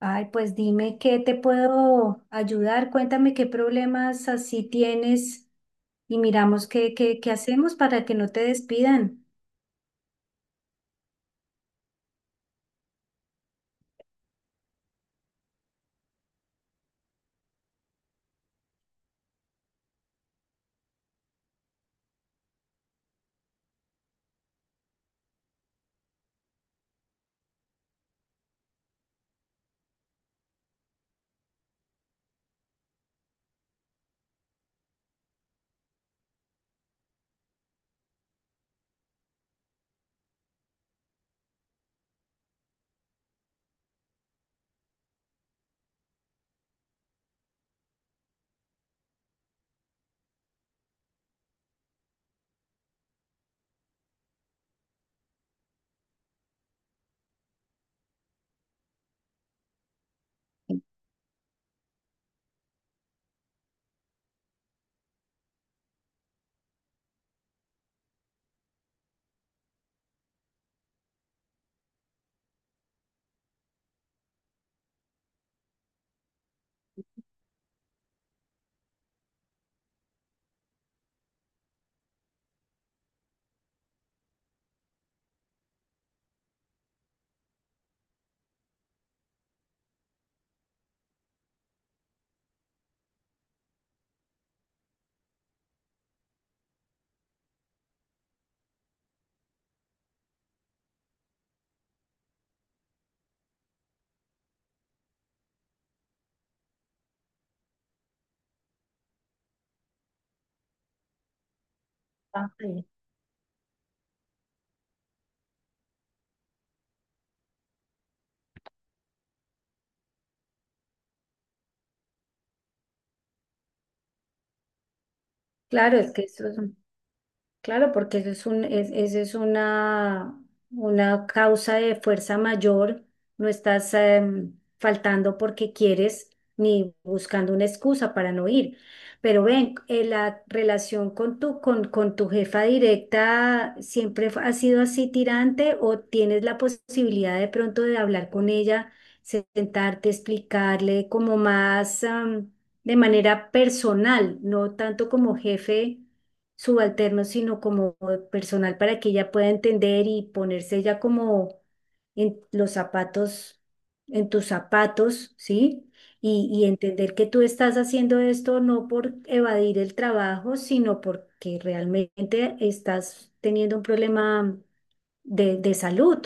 Ay, pues dime qué te puedo ayudar. Cuéntame qué problemas así tienes y miramos qué hacemos para que no te despidan. Claro, es que eso es. Claro, porque eso es una causa de fuerza mayor, no estás faltando porque quieres ni buscando una excusa para no ir. Pero ven, la relación con con tu jefa directa siempre ha sido así tirante o tienes la posibilidad de pronto de hablar con ella, sentarte, explicarle como más de manera personal, no tanto como jefe subalternos, sino como personal para que ella pueda entender y ponerse ya como en los zapatos, en tus zapatos, ¿sí? Y entender que tú estás haciendo esto no por evadir el trabajo, sino porque realmente estás teniendo un problema de salud.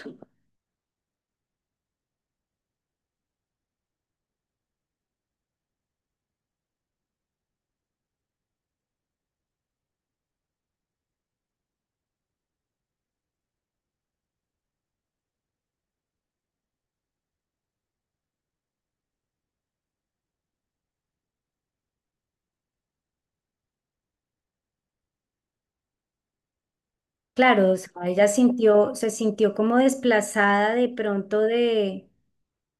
Claro, o sea, ella sintió, se sintió como desplazada de pronto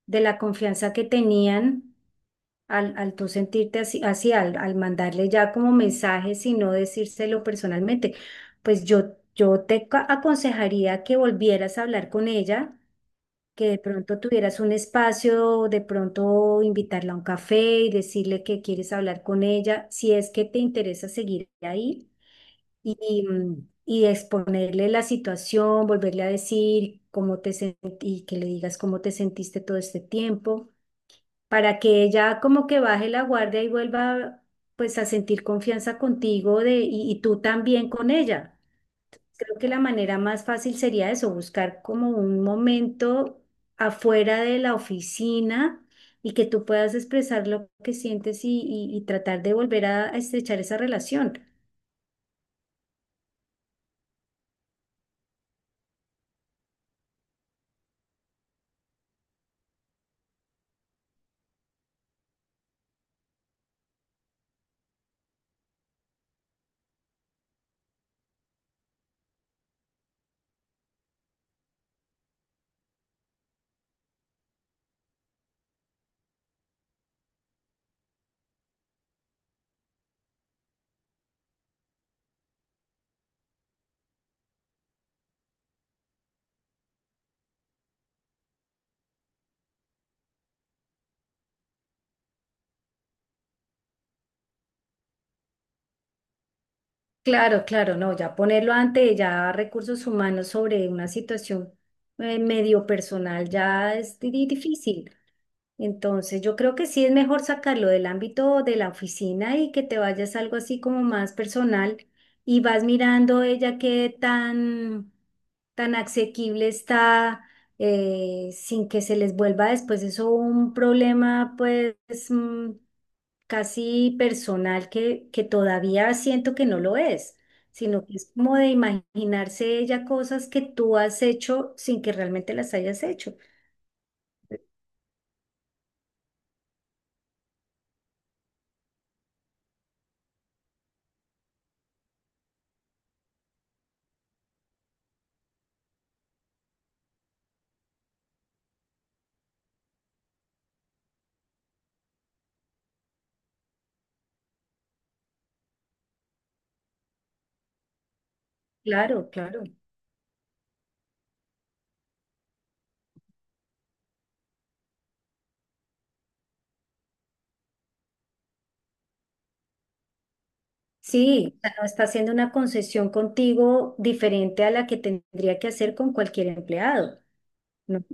de la confianza que tenían al tú sentirte así al mandarle ya como mensajes y no decírselo personalmente, pues yo te aconsejaría que volvieras a hablar con ella, que de pronto tuvieras un espacio, de pronto invitarla a un café y decirle que quieres hablar con ella, si es que te interesa seguir ahí y, y exponerle la situación, volverle a decir cómo te sentí y que le digas cómo te sentiste todo este tiempo para que ella como que baje la guardia y vuelva pues a sentir confianza contigo y tú también con ella. Creo que la manera más fácil sería eso, buscar como un momento afuera de la oficina y que tú puedas expresar lo que sientes y, y tratar de volver a estrechar esa relación. Claro, claro, no, ya ponerlo ante ya recursos humanos sobre una situación medio personal ya es difícil. Entonces, yo creo que sí es mejor sacarlo del ámbito de la oficina y que te vayas a algo así como más personal y vas mirando ella qué tan asequible está sin que se les vuelva después eso un problema pues mm, casi personal que todavía siento que no lo es, sino que es como de imaginarse ella cosas que tú has hecho sin que realmente las hayas hecho. Claro, claro. Sí, o sea, no está haciendo una concesión contigo diferente a la que tendría que hacer con cualquier empleado, ¿no?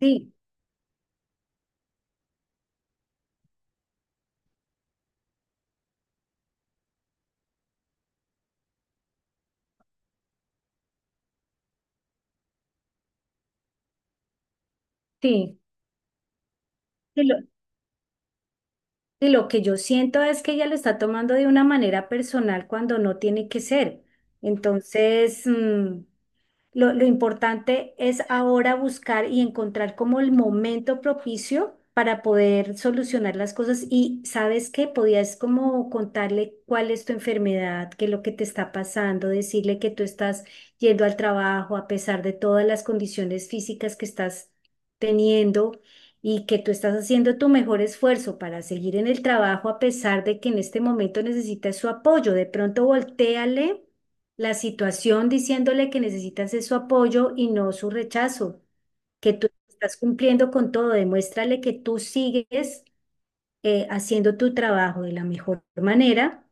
Sí, sí. Y y lo que yo siento es que ella lo está tomando de una manera personal cuando no tiene que ser. Entonces, lo importante es ahora buscar y encontrar como el momento propicio para poder solucionar las cosas y sabes que podías como contarle cuál es tu enfermedad, qué es lo que te está pasando, decirle que tú estás yendo al trabajo a pesar de todas las condiciones físicas que estás teniendo y que tú estás haciendo tu mejor esfuerzo para seguir en el trabajo a pesar de que en este momento necesitas su apoyo. De pronto voltéale la situación diciéndole que necesitas es su apoyo y no su rechazo, que tú estás cumpliendo con todo, demuéstrale que tú sigues haciendo tu trabajo de la mejor manera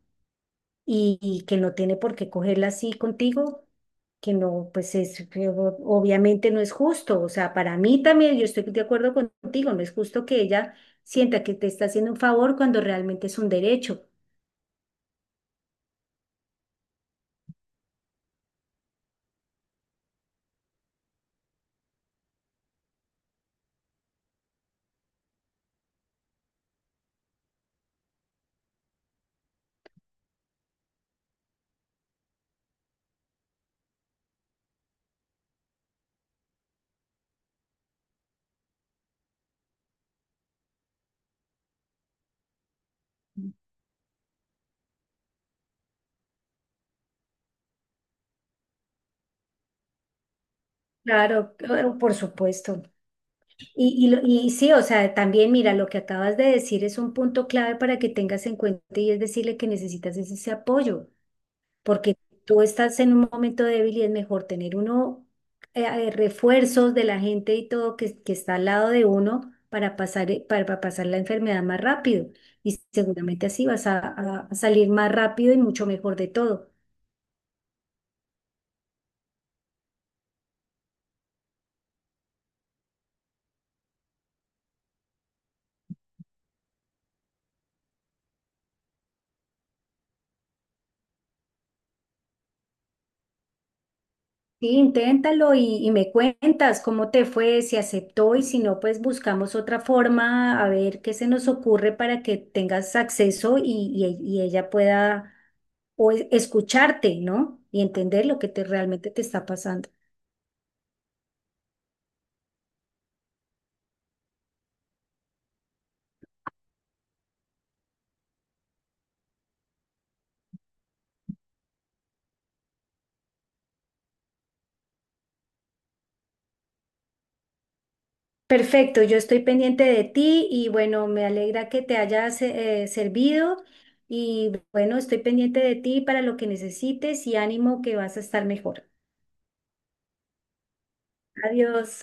y que no tiene por qué cogerla así contigo, que no, pues es, que obviamente no es justo, o sea, para mí también yo estoy de acuerdo contigo, no es justo que ella sienta que te está haciendo un favor cuando realmente es un derecho. Claro, claro, por supuesto. Y sí, o sea, también mira, lo que acabas de decir es un punto clave para que tengas en cuenta y es decirle que necesitas es ese apoyo, porque tú estás en un momento débil y es mejor tener uno refuerzos de la gente y todo que está al lado de uno para pasar la enfermedad más rápido. Y seguramente así vas a, a salir más rápido y mucho mejor de todo. Sí, inténtalo y me cuentas cómo te fue, si aceptó y si no, pues buscamos otra forma a ver qué se nos ocurre para que tengas acceso y, y ella pueda o escucharte, ¿no? Y entender lo que te, realmente te está pasando. Perfecto, yo estoy pendiente de ti y bueno, me alegra que te hayas servido y bueno, estoy pendiente de ti para lo que necesites y ánimo que vas a estar mejor. Adiós.